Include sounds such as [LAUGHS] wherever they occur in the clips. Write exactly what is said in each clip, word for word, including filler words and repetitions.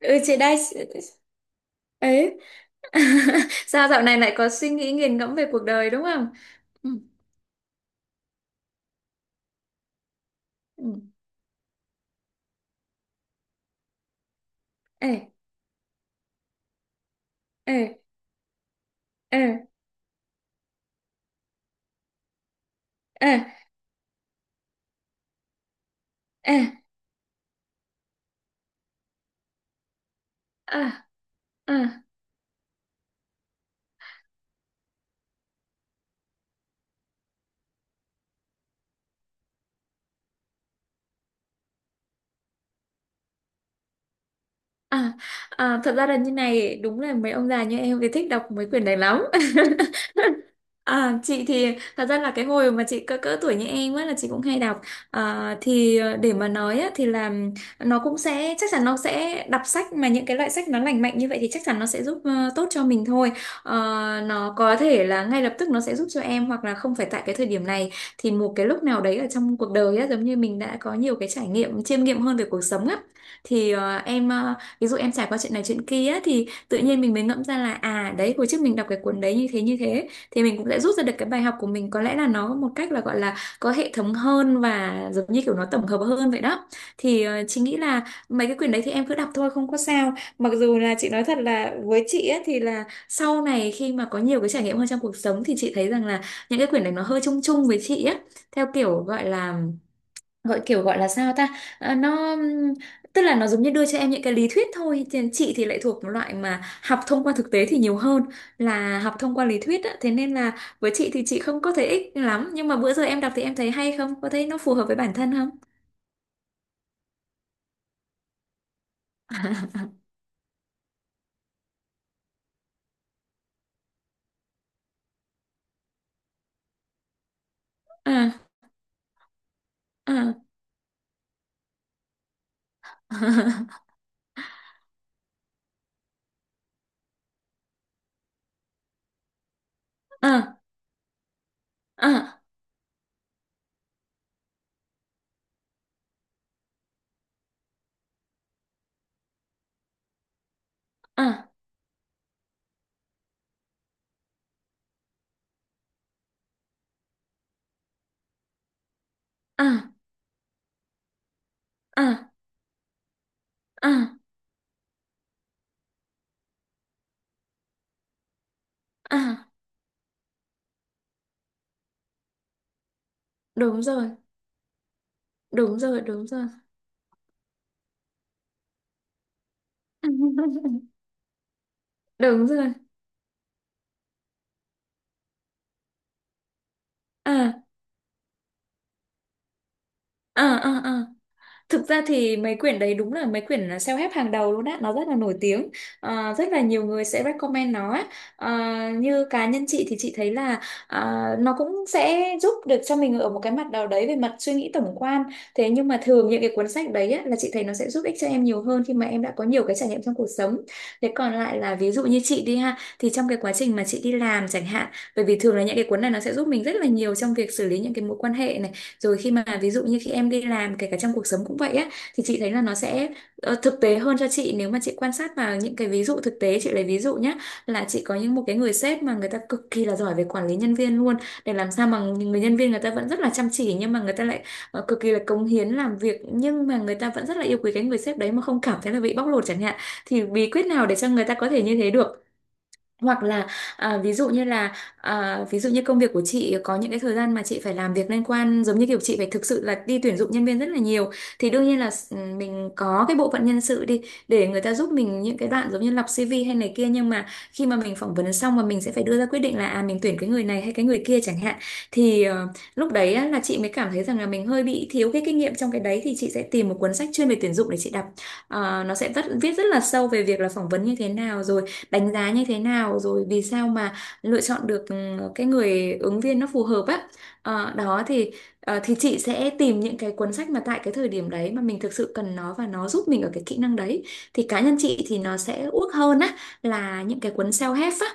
Ừ, chị đây. Ấy. [LAUGHS] Sao dạo này lại có suy nghĩ nghiền ngẫm về cuộc đời đúng không? Ừ. Ừ. Ê. Ê. Ê. Ê. Ê. À. À. À. À. Thật ra là như này, đúng là mấy ông già như em thì thích đọc mấy quyển này lắm. [LAUGHS] À, chị thì thật ra là cái hồi mà chị cỡ cỡ tuổi như em á là chị cũng hay đọc. À, thì ờ, để mà nói á, thì là nó cũng sẽ chắc chắn nó sẽ đọc sách mà những cái loại sách nó lành mạnh như vậy thì chắc chắn nó sẽ giúp ờ, tốt cho mình thôi. Ờ, nó có thể là ngay lập tức nó sẽ giúp cho em hoặc là không phải tại cái thời điểm này thì một cái lúc nào đấy ở trong cuộc đời á giống như mình đã có nhiều cái trải nghiệm chiêm nghiệm hơn về cuộc sống á thì ờ, em ờ, ví dụ em trải qua chuyện này chuyện kia á, thì tự nhiên mình mới ngẫm ra là à đấy hồi trước mình đọc cái cuốn đấy như thế như thế thì mình cũng sẽ rút ra được cái bài học của mình có lẽ là nó một cách là gọi là có hệ thống hơn và giống như kiểu nó tổng hợp hơn vậy đó. Thì ờ, chị nghĩ là mấy cái quyển đấy thì em cứ đọc thôi không có sao. Mặc dù là chị nói thật là với chị ấy, thì là sau này khi mà có nhiều cái trải nghiệm hơn trong cuộc sống thì chị thấy rằng là những cái quyển này nó hơi chung chung với chị á, theo kiểu gọi là, gọi kiểu gọi là sao ta. À, nó ừm, tức là nó giống như đưa cho em những cái lý thuyết thôi. Thì chị thì lại thuộc một loại mà học thông qua thực tế thì nhiều hơn là học thông qua lý thuyết á. Thế nên là với chị thì chị không có thấy ích lắm, nhưng mà bữa giờ em đọc thì em thấy hay không, có thấy nó phù hợp với bản thân không? [LAUGHS] À. À. [LAUGHS] À. À. À. À. À. À. À. Đúng rồi. Đúng rồi. Đúng rồi. [LAUGHS] Đúng rồi. À. À. À. À. Thực ra thì mấy quyển đấy đúng là mấy quyển self-help hàng đầu luôn á, nó rất là nổi tiếng. Ờ, rất là nhiều người sẽ recommend nó á. Ờ, như cá nhân chị thì chị thấy là à, nó cũng sẽ giúp được cho mình ở một cái mặt nào đấy về mặt suy nghĩ tổng quan. Thế nhưng mà thường những cái cuốn sách đấy á, là chị thấy nó sẽ giúp ích cho em nhiều hơn khi mà em đã có nhiều cái trải nghiệm trong cuộc sống. Thế còn lại là ví dụ như chị đi ha, thì trong cái quá trình mà chị đi làm chẳng hạn, bởi vì thường là những cái cuốn này nó sẽ giúp mình rất là nhiều trong việc xử lý những cái mối quan hệ này, rồi khi mà ví dụ như khi em đi làm kể cả trong cuộc sống cũng vậy á, thì chị thấy là nó sẽ ờ, thực tế hơn cho chị nếu mà chị quan sát vào những cái ví dụ thực tế. Chị lấy ví dụ nhé, là chị có những một cái người sếp mà người ta cực kỳ là giỏi về quản lý nhân viên luôn, để làm sao mà người nhân viên người ta vẫn rất là chăm chỉ nhưng mà người ta lại ờ, cực kỳ là cống hiến làm việc, nhưng mà người ta vẫn rất là yêu quý cái người sếp đấy mà không cảm thấy là bị bóc lột chẳng hạn, thì bí quyết nào để cho người ta có thể như thế được. Hoặc là à, ví dụ như là à, ví dụ như công việc của chị có những cái thời gian mà chị phải làm việc liên quan giống như kiểu chị phải thực sự là đi tuyển dụng nhân viên rất là nhiều, thì đương nhiên là s- mình có cái bộ phận nhân sự đi để người ta giúp mình những cái đoạn giống như lọc xi vi hay này kia, nhưng mà khi mà mình phỏng vấn xong mà mình sẽ phải đưa ra quyết định là à mình tuyển cái người này hay cái người kia chẳng hạn, thì ờ, lúc đấy á, là chị mới cảm thấy rằng là mình hơi bị thiếu cái kinh nghiệm trong cái đấy, thì chị sẽ tìm một cuốn sách chuyên về tuyển dụng để chị đọc. Ờ, nó sẽ vắt- viết rất là sâu về việc là phỏng vấn như thế nào rồi đánh giá như thế nào rồi vì sao mà lựa chọn được ừ, cái người ứng viên nó phù hợp á. Ờ, đó thì ờ, thì chị sẽ tìm những cái cuốn sách mà tại cái thời điểm đấy mà mình thực sự cần nó và nó giúp mình ở cái kỹ năng đấy, thì cá nhân chị thì nó sẽ uốc hơn á là những cái cuốn self-help á.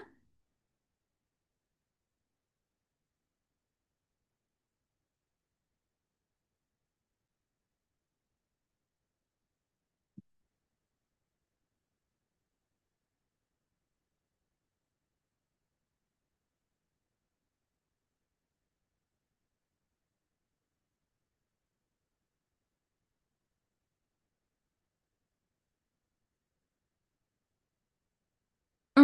Ừ.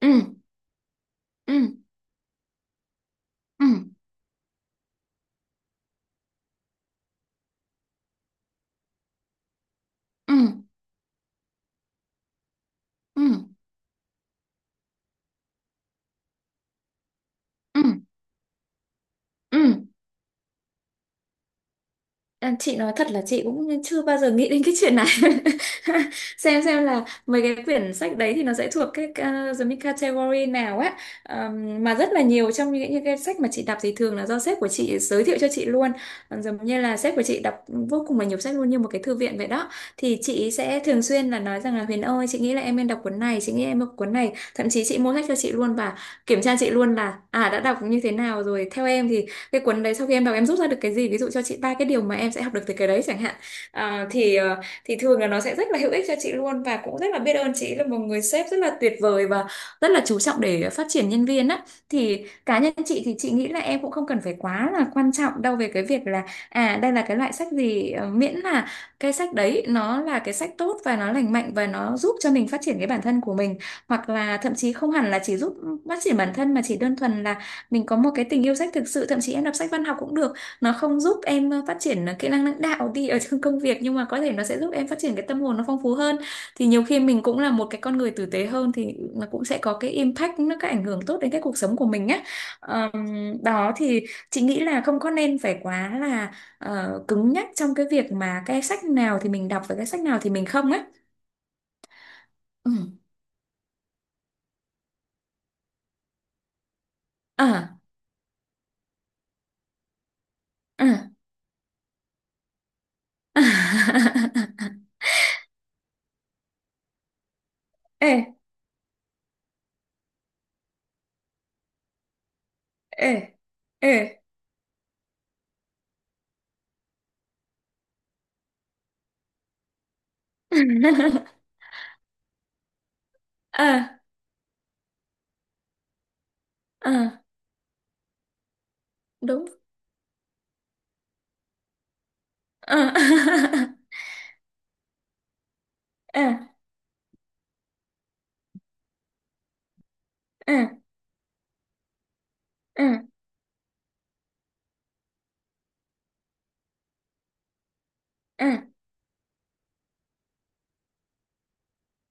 Ừ. Ừ. Ừ. Ừ. Ừ. Ừ. Ừ. Ừ. Ừ. À, chị nói thật là chị cũng chưa bao giờ nghĩ đến cái chuyện này. [LAUGHS] xem xem là mấy cái quyển sách đấy thì nó sẽ thuộc cái uh, giống như category nào á. Ờm, mà rất là nhiều trong những, những cái sách mà chị đọc thì thường là do sếp của chị giới thiệu cho chị luôn. Còn giống như là sếp của chị đọc vô cùng là nhiều sách luôn như một cái thư viện vậy đó, thì chị sẽ thường xuyên là nói rằng là Huyền ơi chị nghĩ là em nên đọc cuốn này, chị nghĩ em đọc cuốn này, thậm chí chị mua sách cho chị luôn và kiểm tra chị luôn là à đã đọc như thế nào rồi, theo em thì cái cuốn đấy sau khi em đọc em rút ra được cái gì, ví dụ cho chị ba cái điều mà em sẽ học được từ cái đấy chẳng hạn. À, thì ờ, thì thường là nó sẽ rất là hữu ích cho chị luôn và cũng rất là biết ơn chị là một người sếp rất là tuyệt vời và rất là chú trọng để phát triển nhân viên á. Thì cá nhân chị thì chị nghĩ là em cũng không cần phải quá là quan trọng đâu về cái việc là à đây là cái loại sách gì, ờ, miễn là cái sách đấy nó là cái sách tốt và nó lành mạnh và nó giúp cho mình phát triển cái bản thân của mình, hoặc là thậm chí không hẳn là chỉ giúp phát triển bản thân mà chỉ đơn thuần là mình có một cái tình yêu sách thực sự, thậm chí em đọc sách văn học cũng được. Nó không giúp em ờ, phát triển ờ, kỹ năng lãnh đạo đi ở trong công việc, nhưng mà có thể nó sẽ giúp em phát triển cái tâm hồn nó phong phú hơn, thì nhiều khi mình cũng là một cái con người tử tế hơn thì nó cũng sẽ có cái impact nó, cái ảnh hưởng tốt đến cái cuộc sống của mình á. Ờm. Đó thì chị nghĩ là không có nên phải quá là ờ, cứng nhắc trong cái việc mà cái sách nào thì mình đọc và cái sách nào thì mình không á. Ừ. À. À. [LAUGHS] Ê. Ê. Ê. [LAUGHS] À. À. Đúng. À. [LAUGHS] À. À. À. À. À.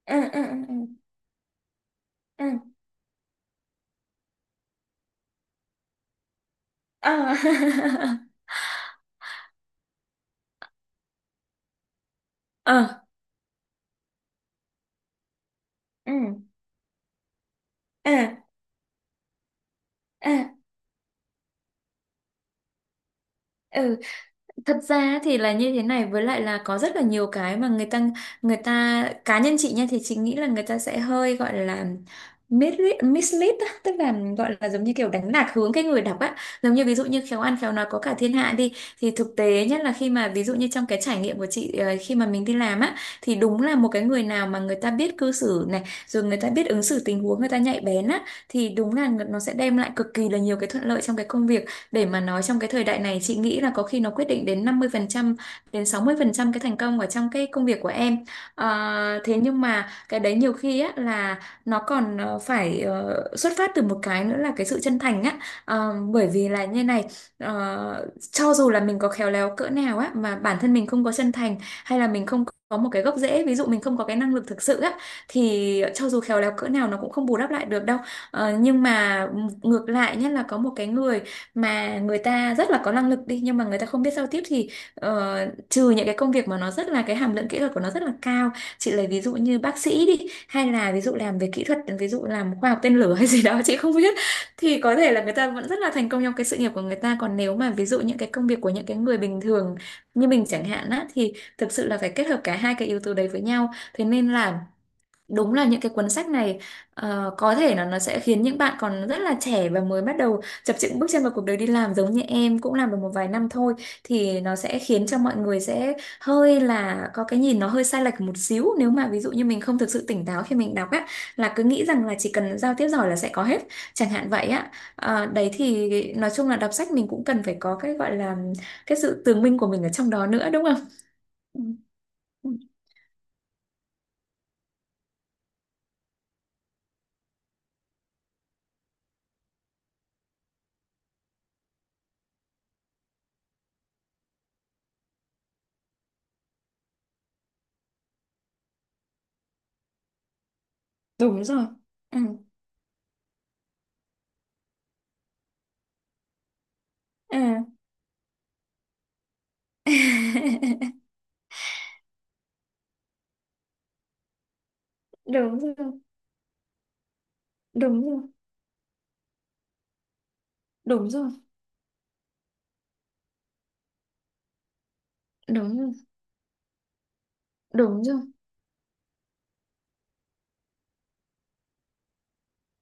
À. À. À. À. [LAUGHS] À. À. À. À. À. À. Thật ra thì là như thế này, với lại là có rất là nhiều cái mà người ta người ta cá nhân chị nha thì chị nghĩ là người ta sẽ hơi gọi là mislead mislead á, tức là gọi là giống như kiểu đánh lạc hướng cái người đọc á. Giống như ví dụ như khéo ăn khéo nói có cả thiên hạ đi, thì thực tế nhất là khi mà ví dụ như trong cái trải nghiệm của chị ờ, khi mà mình đi làm á thì đúng là một cái người nào mà người ta biết cư xử này, rồi người ta biết ứng xử tình huống người ta nhạy bén á, thì đúng là nó sẽ đem lại cực kỳ là nhiều cái thuận lợi trong cái công việc. Để mà nói trong cái thời đại này chị nghĩ là có khi nó quyết định đến năm mươi phần trăm đến sáu mươi phần trăm cái thành công ở trong cái công việc của em. Ờ, thế nhưng mà cái đấy nhiều khi á là nó còn ờ, phải ờ, xuất phát Từ một cái nữa là cái sự chân thành á. Ờ, bởi vì là như này, ờ, cho dù là mình có khéo léo cỡ nào á mà bản thân mình không có chân thành, hay là mình không có một cái gốc rễ, ví dụ mình không có cái năng lực thực sự á, thì cho dù khéo léo cỡ nào nó cũng không bù đắp lại được đâu. Ờ, nhưng mà ngược lại nhất là có một cái người mà người ta rất là có năng lực đi, nhưng mà người ta không biết giao tiếp thì ờ, trừ những cái công việc mà nó rất là, cái hàm lượng kỹ thuật của nó rất là cao, chị lấy ví dụ như bác sĩ đi, hay là ví dụ làm về kỹ thuật, ví dụ làm khoa học tên lửa hay [LAUGHS] gì đó chị không biết, thì có thể là người ta vẫn rất là thành công trong cái sự nghiệp của người ta. Còn nếu mà ví dụ những cái công việc của những cái người bình thường như mình chẳng hạn á, thì thực sự là phải kết hợp cả hai cái yếu tố đấy với nhau. Thế nên là đúng là những cái cuốn sách này ờ, có thể là nó sẽ khiến những bạn còn rất là trẻ và mới bắt đầu chập chững bước chân vào cuộc đời đi làm, giống như em cũng làm được một vài năm thôi, thì nó sẽ khiến cho mọi người sẽ hơi là có cái nhìn nó hơi sai lệch một xíu, nếu mà ví dụ như mình không thực sự tỉnh táo khi mình đọc á, là cứ nghĩ rằng là chỉ cần giao tiếp giỏi là sẽ có hết, chẳng hạn vậy á. Ờ, đấy thì nói chung là đọc sách mình cũng cần phải có cái gọi là cái sự tường minh của mình ở trong đó nữa, đúng không? Ừ. Ừ. Đúng rồi. Ừ. Ừ. [LAUGHS] Đúng rồi, đúng rồi, đúng rồi, đúng rồi, đúng rồi,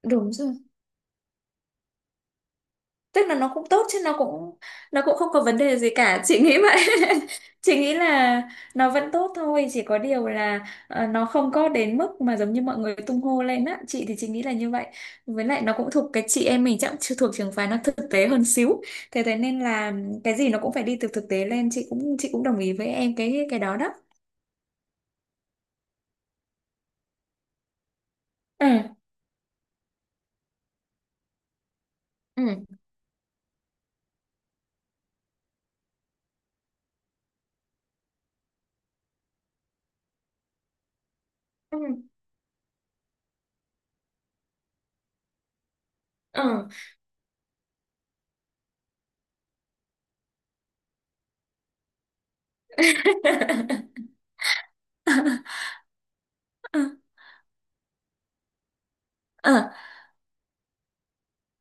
đúng rồi. Tức là nó cũng tốt chứ, nó cũng, nó cũng không có vấn đề gì cả, chị nghĩ vậy. [LAUGHS] Chị nghĩ là nó vẫn tốt thôi, chỉ có điều là ờ, nó không có đến mức mà giống như mọi người tung hô lên á, chị thì chị nghĩ là như vậy. Với lại nó cũng thuộc cái, chị em mình chắc cũng chưa thuộc trường phái, nó thực tế hơn xíu. Thế Thế nên là cái gì nó cũng phải đi từ thực tế lên. Chị cũng chị cũng đồng ý với em cái cái đó đó. Ừ. Ừ. Ừ. Ừ. [LAUGHS] À,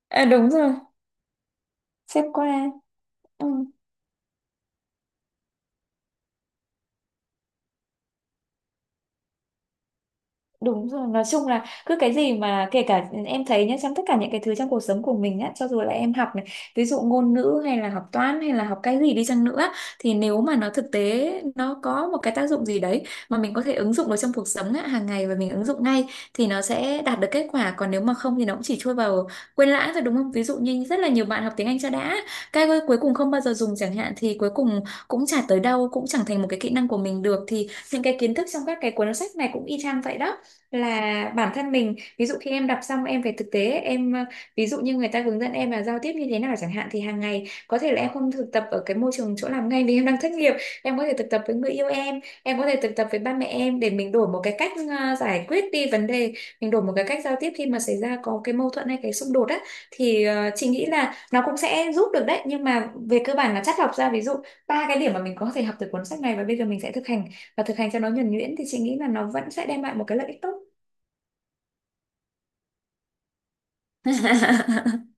à, đúng rồi, xếp qua. Ừ. Đúng rồi, nói chung là cứ cái gì mà, kể cả em thấy nhá, trong tất cả những cái thứ trong cuộc sống của mình á, cho dù là em học này, ví dụ ngôn ngữ hay là học toán hay là học cái gì đi chăng nữa, thì nếu mà nó thực tế, nó có một cái tác dụng gì đấy mà mình có thể ứng dụng được trong cuộc sống á, hàng ngày và mình ứng dụng ngay, thì nó sẽ đạt được kết quả. Còn nếu mà không thì nó cũng chỉ trôi vào quên lãng thôi, đúng không? Ví dụ như rất là nhiều bạn học tiếng Anh cho đã, cái cuối cùng không bao giờ dùng chẳng hạn, thì cuối cùng cũng chả tới đâu, cũng chẳng thành một cái kỹ năng của mình được. Thì những cái kiến thức trong các cái cuốn sách này cũng y chang vậy đó, là bản thân mình, ví dụ khi em đọc xong em về thực tế em ờ, ví dụ như người ta hướng dẫn em là giao tiếp như thế nào chẳng hạn, thì hàng ngày có thể là em không thực tập ở cái môi trường chỗ làm ngay vì em đang thất nghiệp, em có thể thực tập với người yêu em em có thể thực tập với ba mẹ em, để mình đổi một cái cách ờ, giải quyết đi vấn đề, mình đổi một cái cách giao tiếp khi mà xảy ra có cái mâu thuẫn hay cái xung đột á, thì ờ, chị nghĩ là nó cũng sẽ giúp được đấy. Nhưng mà về cơ bản là chắt lọc ra, ví dụ ba cái điểm mà mình có thể học từ cuốn sách này và bây giờ mình sẽ thực hành, và thực hành cho nó nhuần nhuyễn, thì chị nghĩ là nó vẫn sẽ đem lại một cái lợi ích tốt. [LAUGHS]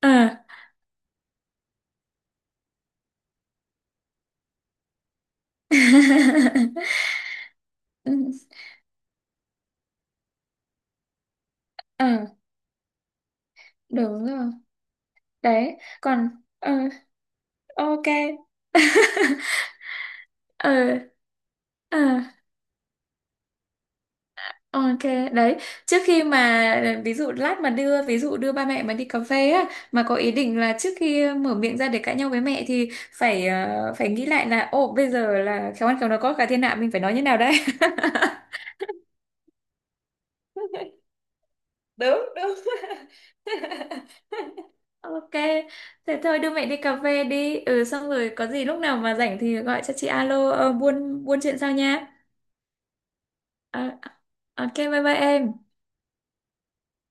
Ờ. [LAUGHS] Ừ, ờ, đúng rồi. Đấy. Còn ờ, ok. Ờ. Ờ, ok. Đấy, trước khi mà ờ, ví dụ lát mà đưa, ví dụ đưa ba mẹ mà đi cà phê á, mà có ý định là trước khi mở miệng ra để cãi nhau với mẹ, thì phải ờ, phải nghĩ lại là, ồ bây giờ là khéo ăn khéo nói có cả thiên hạ, mình phải nói như nào đây. [LAUGHS] Đúng, đúng. [LAUGHS] Ok, thế thôi đưa mẹ đi cà phê đi. Ừ, xong rồi có gì lúc nào mà rảnh thì gọi cho chị, alo ờ, buôn buôn chuyện sau nha. Ờ, ok, bye bye em.